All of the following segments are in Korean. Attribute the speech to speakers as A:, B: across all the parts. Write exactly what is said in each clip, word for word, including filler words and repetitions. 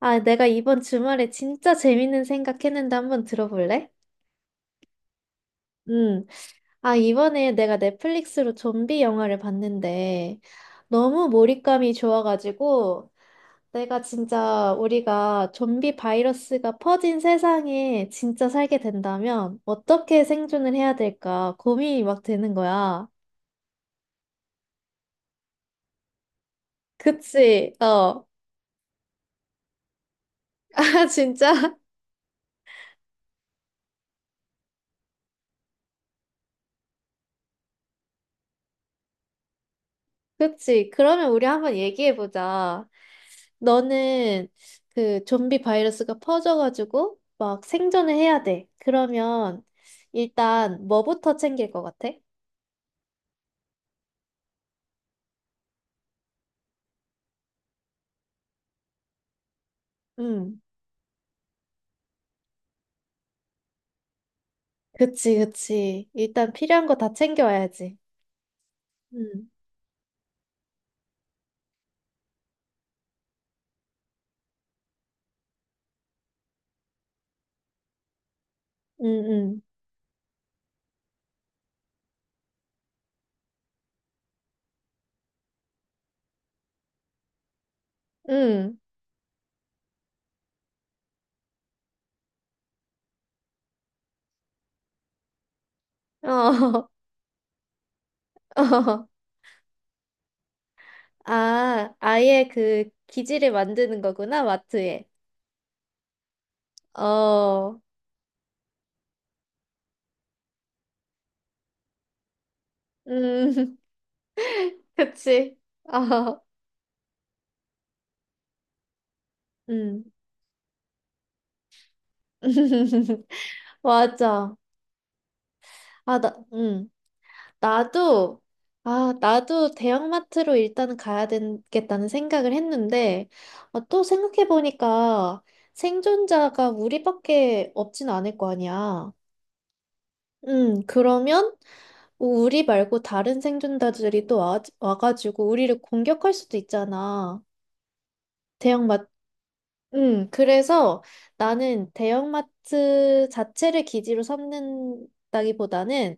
A: 아, 내가 이번 주말에 진짜 재밌는 생각했는데 한번 들어볼래? 음. 아, 이번에 내가 넷플릭스로 좀비 영화를 봤는데 너무 몰입감이 좋아가지고 내가 진짜 우리가 좀비 바이러스가 퍼진 세상에 진짜 살게 된다면 어떻게 생존을 해야 될까 고민이 막 되는 거야. 그치? 어. 아, 진짜? 그치? 그러면 우리 한번 얘기해보자. 너는 그 좀비 바이러스가 퍼져가지고 막 생존을 해야 돼. 그러면 일단 뭐부터 챙길 것 같아? 응. 그치, 그치. 일단 필요한 거 다 챙겨와야지. 응. 응, 응. 응. 어. 어. 아, 아예 그 기지를 만드는 거구나, 마트에. 어. 음. 그치. 어. 음. 맞아. 아, 나, 음. 나도, 아, 나도 대형마트로 일단 가야 되겠다는 생각을 했는데, 어, 또 생각해보니까 생존자가 우리밖에 없진 않을 거 아니야. 음, 그러면 우리 말고 다른 생존자들이 또 와, 와가지고 우리를 공격할 수도 있잖아. 대형마트. 음, 그래서 나는 대형마트 자체를 기지로 삼는다기보다는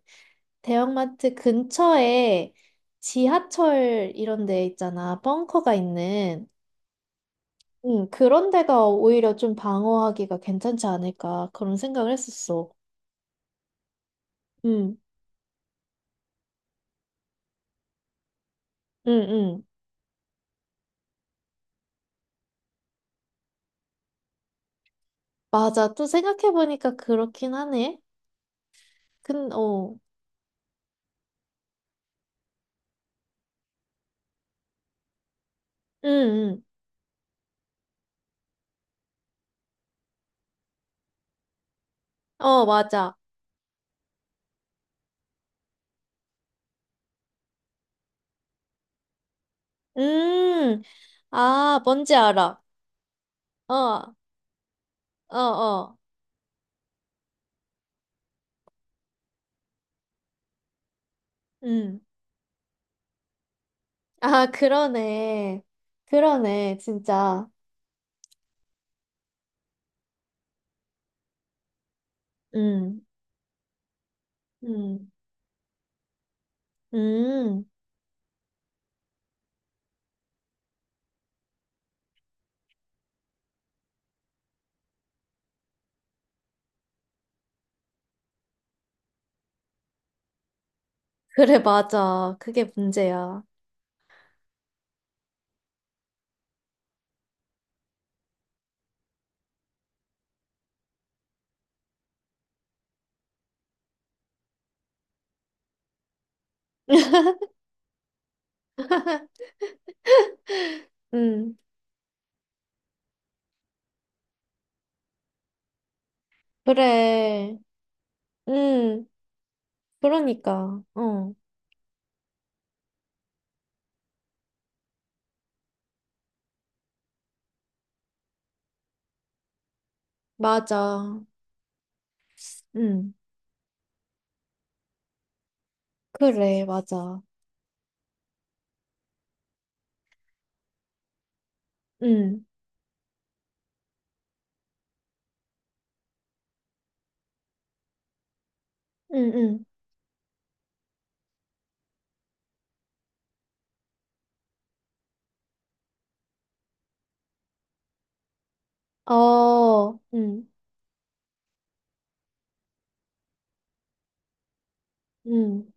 A: 대형마트 근처에 지하철 이런 데 있잖아. 벙커가 있는. 응, 그런 데가 오히려 좀 방어하기가 괜찮지 않을까. 그런 생각을 했었어. 응, 응, 응. 맞아. 또 생각해보니까 그렇긴 하네. 근, 어. 응, 응. 어, 맞아. 음, 아, 뭔지 알아. 어, 어, 어. 음. 아, 그러네. 그러네, 진짜. 음, 음, 음. 그래, 맞아. 그게 문제야. 음, 그래. 음, 그러니까. 어, 맞아. 음, 그래, 맞아. 음, 음, 음. 어, 음, 음.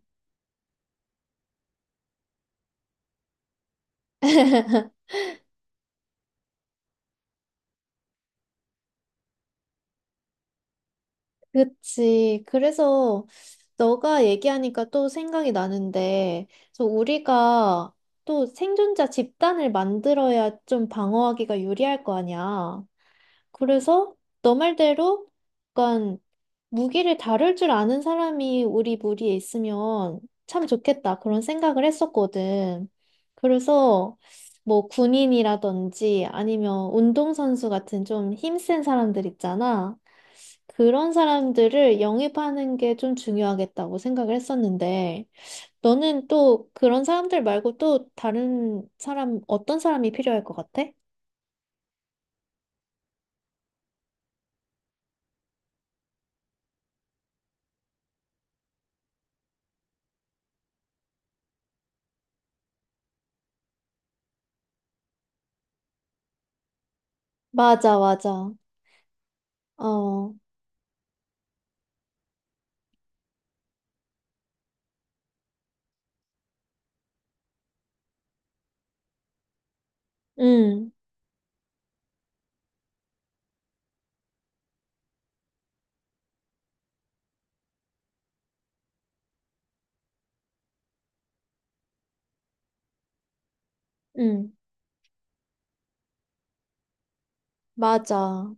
A: 그치. 그래서 너가 얘기하니까 또 생각이 나는데, 그래서 우리가 또 생존자 집단을 만들어야 좀 방어하기가 유리할 거 아니야. 그래서 너 말대로 약간 무기를 다룰 줄 아는 사람이 우리 무리에 있으면 참 좋겠다. 그런 생각을 했었거든. 그래서 뭐 군인이라든지 아니면 운동선수 같은 좀 힘센 사람들 있잖아. 그런 사람들을 영입하는 게 좀 중요하겠다고 생각을 했었는데, 너는 또 그런 사람들 말고 또 다른 사람, 어떤 사람이 필요할 것 같아? 맞아, 맞아. 어, 응, 응, 맞아.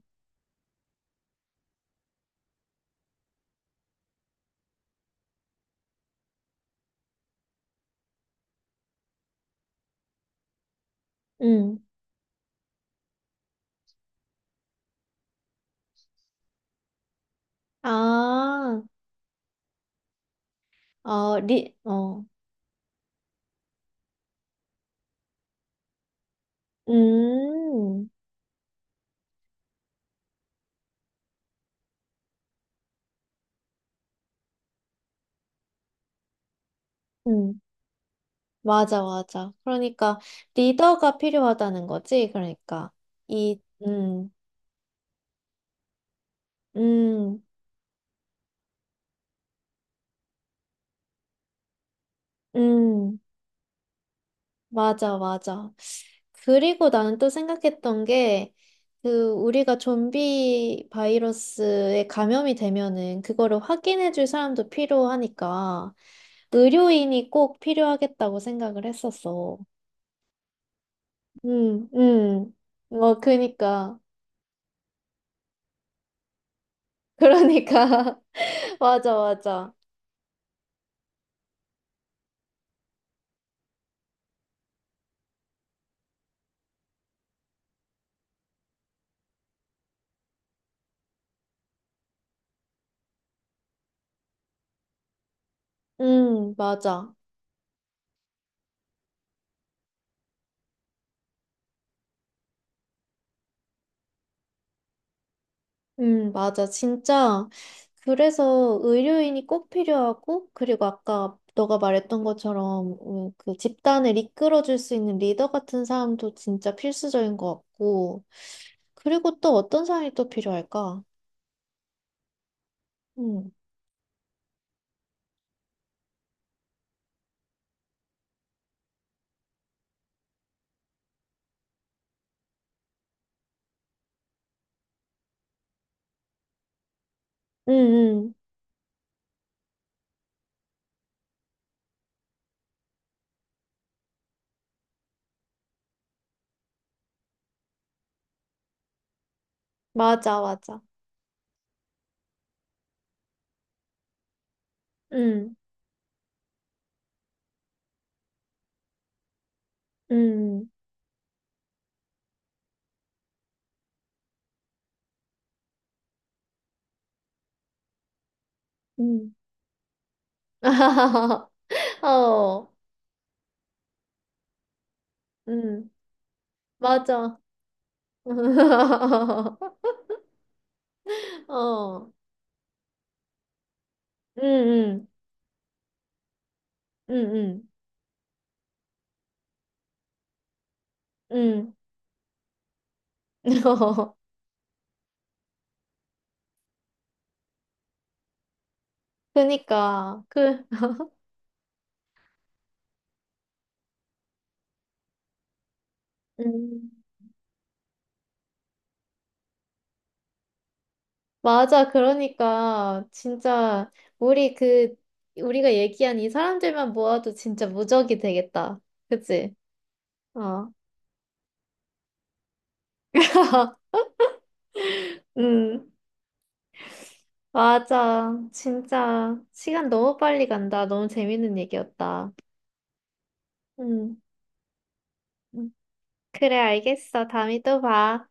A: 응. 아, 어, 리, 어, 음, 음, 맞아, 맞아. 그러니까, 리더가 필요하다는 거지, 그러니까. 이, 음, 음, 음, 맞아, 맞아. 그리고 나는 또 생각했던 게, 그, 우리가 좀비 바이러스에 감염이 되면은, 그거를 확인해줄 사람도 필요하니까, 의료인이 꼭 필요하겠다고 생각을 했었어. 음, 음. 어, 그니까. 그러니까. 맞아, 맞아. 음, 맞아. 음, 맞아. 진짜. 그래서 의료인이 꼭 필요하고, 그리고 아까 너가 말했던 것처럼, 음, 그 집단을 이끌어줄 수 있는 리더 같은 사람도 진짜 필수적인 것 같고, 그리고 또 어떤 사람이 또 필요할까? 음, 음, 음. 맞아, 맞아. 음, 음, 음. 어, 음. 맞아. 어, 응, 응, 응, 응, 응. 어, 그니까, 그, 음, 맞아. 그러니까, 진짜, 우리 그, 우리가 얘기한 이 사람들만 모아도 진짜 무적이 되겠다. 그치? 어. 음, 맞아. 진짜, 시간 너무 빨리 간다. 너무 재밌는 얘기였다. 음, 음. 그래, 알겠어. 다음에 또 봐.